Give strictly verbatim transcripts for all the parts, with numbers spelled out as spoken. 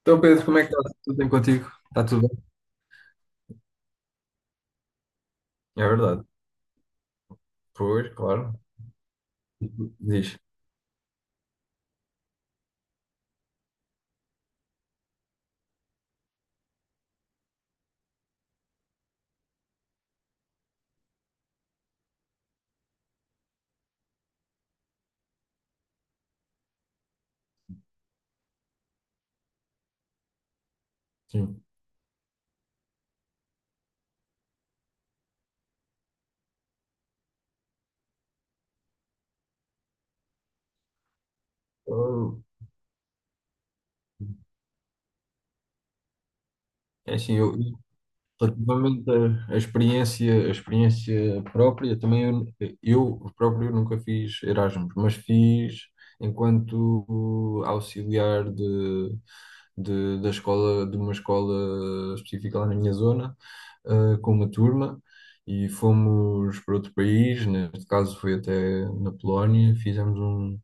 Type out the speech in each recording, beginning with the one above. Então, Pedro, como é que está tudo bem contigo? Está tudo bem? É verdade. Pois, claro. Diz. Sim. Eu- É assim, eu, relativamente à à experiência, à experiência própria, também eu, eu próprio nunca fiz Erasmus, mas fiz enquanto auxiliar de, de- da escola, de uma escola específica lá na minha zona, eh, com uma turma. E fomos para outro país, neste caso foi até na Polónia, fizemos um,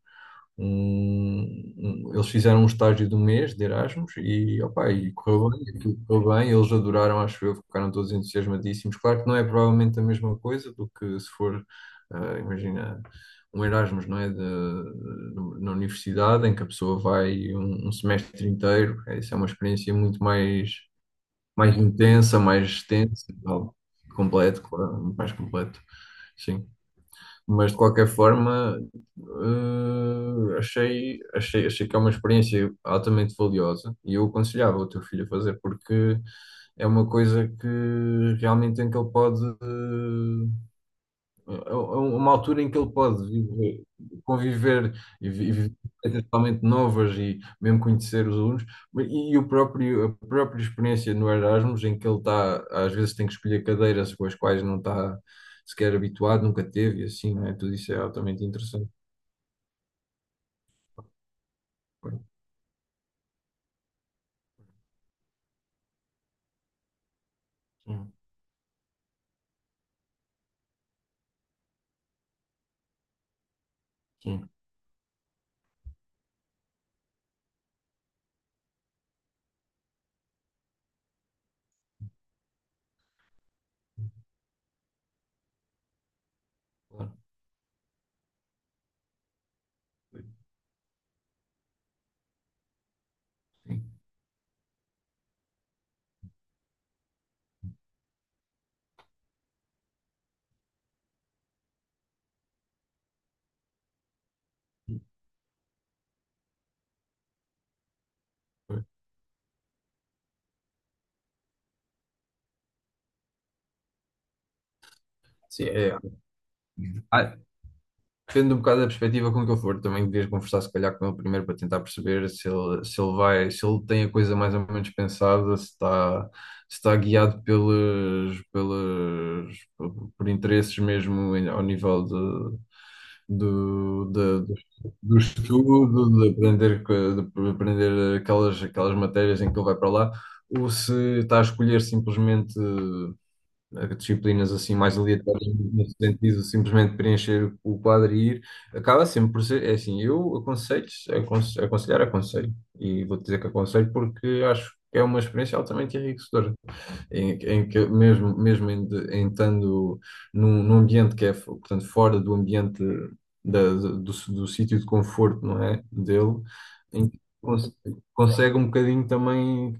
um- um- eles fizeram um estágio de um mês de Erasmus e, opa, e correu bem, aquilo correu bem, eles adoraram, acho eu, ficaram todos entusiasmadíssimos. Claro que não é provavelmente a mesma coisa do que se for, ah, imagina, um Erasmus, não é? De, no- Na universidade, em que a pessoa vai um, um semestre inteiro. É isso, é uma experiência muito mais, mais intensa, mais extensa, e tal. Completo, claro, mais completo, sim, mas de qualquer forma, eh, achei, achei, achei que é uma experiência altamente valiosa e eu aconselhava o teu filho a fazer, porque é uma coisa que realmente em que ele pode eh, é é um, uma altura em que ele pode viver- conviver e vi- viver coisas totalmente novas e mesmo conhecer os alunos, mas- e o próprio, a própria experiência no Erasmus, em que ele está, às vezes tem que escolher cadeiras com as quais não está sequer habituado, nunca teve, e assim, não é? Tudo isso é altamente interessante. Sim, sim, claro. Sim, sim. Sim, é. Depende um bocado da perspectiva com que eu for. Também devias conversar, se calhar, com ele primeiro para tentar perceber se ele, se ele vai, se ele tem a coisa mais ou menos pensada, se está, se está guiado pelos, pelos, por, por interesses mesmo em- ao nível de, do, da- do, do estudo, de aprender, co- de aprender aquelas, aquelas matérias em que ele vai para lá, ou se está a escolher simplesmente disciplinas assim mais aleatórias no sentido de simplesmente preencher o quadro e ir, acaba sempre por ser, é assim, eu aconselho, aconselho aconselhar aconselho, e vou dizer que aconselho, porque acho que é uma experiência altamente enriquecedora em, em que mesmo, mesmo em, de- em estando num, num ambiente que é, fo- portanto, fora do ambiente da, do, do sítio de conforto, não é? Dele, em que cons- consegue um bocadinho também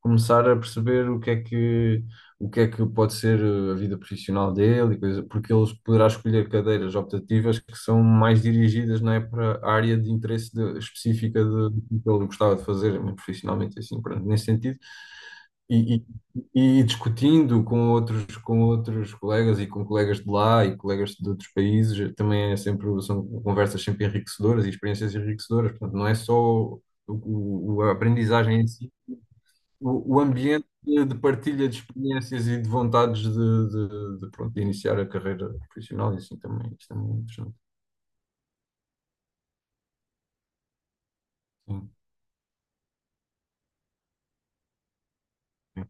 começar a perceber o que é que o que é que pode ser eh, a vida profissional dele, e coisa, porque ele poderá escolher cadeiras optativas que são mais dirigidas, não é, para a área de interesse de- específica de, do que ele gostava de fazer, eh, profissionalmente assim, pronto. Nesse sentido, e, e- e discutindo com outros, com outros colegas e com colegas de lá e colegas de outros países, também é sempre, são conversas sempre enriquecedoras e experiências enriquecedoras. Portanto, não é só o, o- a aprendizagem em si, o, o ambiente de, de partilha de experiências e de vontades de, de, de, pronto, de iniciar a carreira profissional, e assim também, isto é muito interessante. Sim, sim,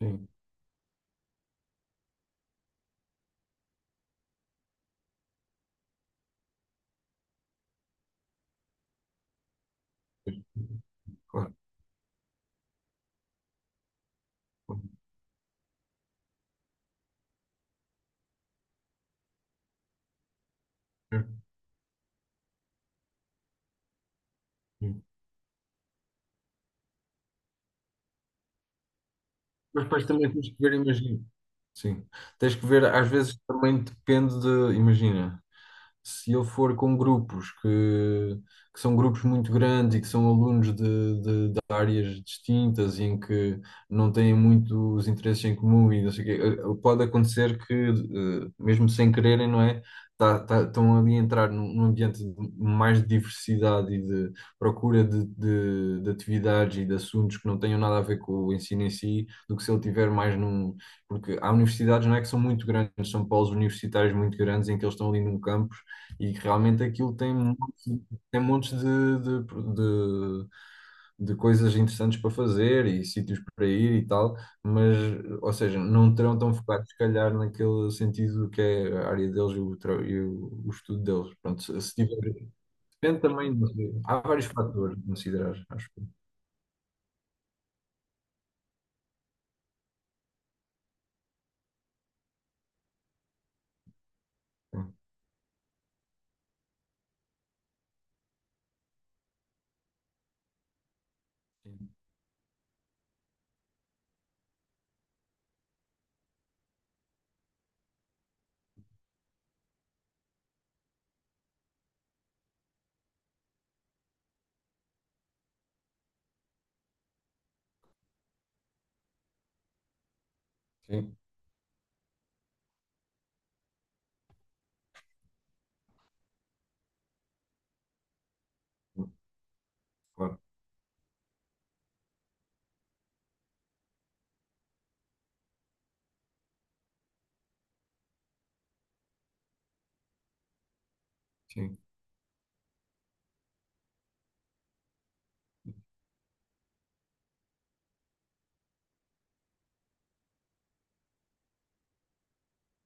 sim. Claro. Claro. Mas depois também temos que ver, imagino. Sim. Tens que ver, às vezes também depende de, imagina, se eu for com grupos que, que são grupos muito grandes e que são alunos de, de, de áreas distintas e em que não têm muitos interesses em comum e não sei o quê, eh, eh, pode acontecer que, eh, mesmo sem quererem, não é? Tá, tá- estão ali a entrar num, num ambiente de mais de diversidade e de procura de, de, de atividades e de assuntos que não tenham nada a ver com o ensino em si, do que se ele tiver mais num, porque há universidades, não é, que são muito grandes, são polos universitários muito grandes em que eles estão ali num campus e que realmente aquilo tem montes- tem montes de, de, de, de coisas interessantes para fazer e sítios para ir e tal, mas, ou seja, não terão tão focados se calhar naquele sentido que é a área deles e o, tra- e o, o estudo deles. Pronto, se, se tiver, depende também, de- há vários fatores a considerar, acho que sim, sim, claro, sim,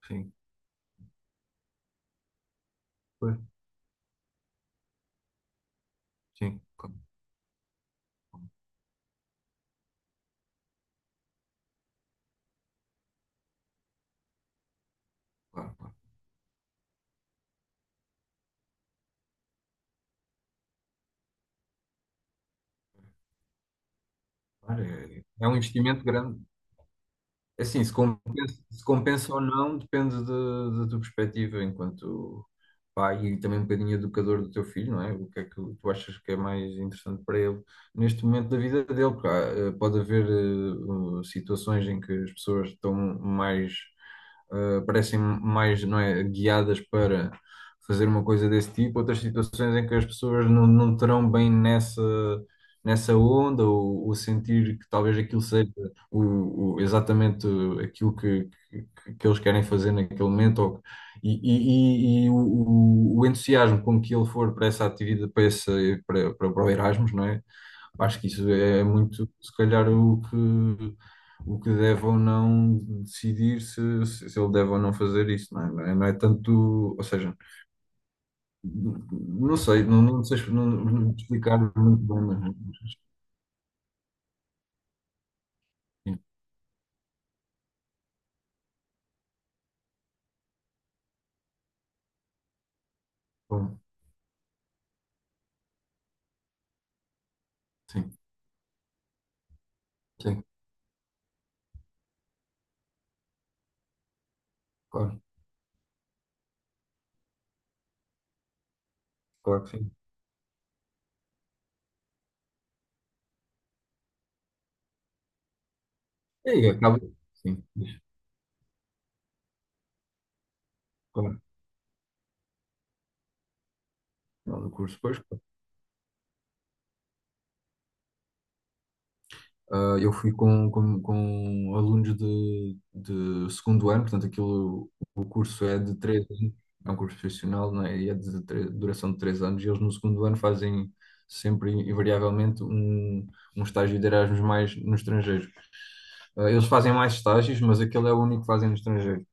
sim, pois, sim, claro. Claro. Olha, é um investimento grande. É assim, se compensa, se compensa ou não, depende de- da tua perspectiva enquanto pai e também um bocadinho educador do teu filho, não é? O que é que tu achas que é mais interessante para ele neste momento da vida dele? Porque há, eh, pode haver eh, eh, situações em que as pessoas estão mais, eh, parecem mais, não é, guiadas para fazer uma coisa desse tipo, outras situações em que as pessoas não, não terão bem nessa, nessa onda ou, ou sentir que talvez aquilo seja o, o- exatamente aquilo que, que, que eles querem fazer naquele momento ou- e, e- e- e o, o- o entusiasmo com que ele for para essa atividade, para, essa, para, para, para o Erasmus, não é? Acho que isso é é muito, se calhar, o que, o que deve ou não decidir se, se se ele deve ou não fazer isso, não é? Não é, não é tanto, ou seja, não sei, não, não sei não, não explicar muito bem, mas mas, sim, bom, sim, sim, claro, claro que sim. E aí, acaba, sim, mas, claro, lá no curso depois. Ah, eu fui com, com, com alunos de, de segundo ano, portanto, aquilo, o curso é de três anos, é um curso profissional, não é? E é de tre- duração de três anos, e eles no segundo ano fazem sempre, invariavelmente, um, um estágio de Erasmus mais no estrangeiro. Ah, eles fazem mais estágios, mas aquele é o único que fazem no estrangeiro.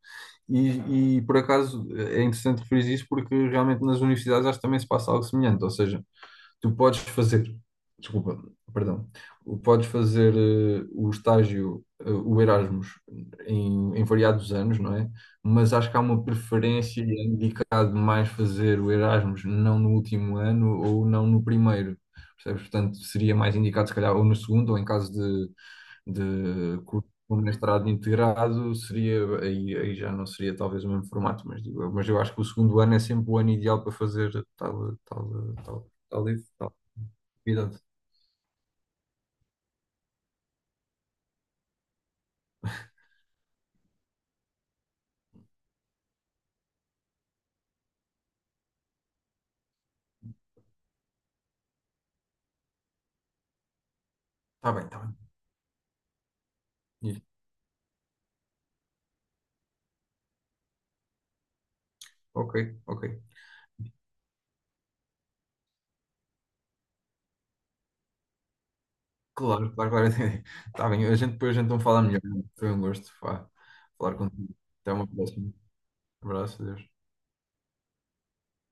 E, e por acaso é interessante referir isso, porque realmente nas universidades acho que também se passa algo semelhante, ou seja, tu podes fazer, desculpa, perdão, o- podes fazer eh, o estágio, eh, o Erasmus, em, em variados anos, não é? Mas acho que há uma preferência e é indicado mais fazer o Erasmus não no último ano ou não no primeiro, percebes? Portanto, seria mais indicado, se calhar, ou no segundo, ou em caso de, de curso com mestrado integrado, seria, aí, aí já não seria talvez o mesmo formato, mas digo eu. Mas eu acho que o segundo ano é sempre o ano ideal para fazer tal, tal, tal. Está livre? Está convidado. Está bem, está bem. E- Ok, ok. Claro, claro, claro. Está bem. A gente depois a gente então fala melhor. Né? Foi um gosto, pá, falar contigo. Até uma próxima. Abraço, adeus.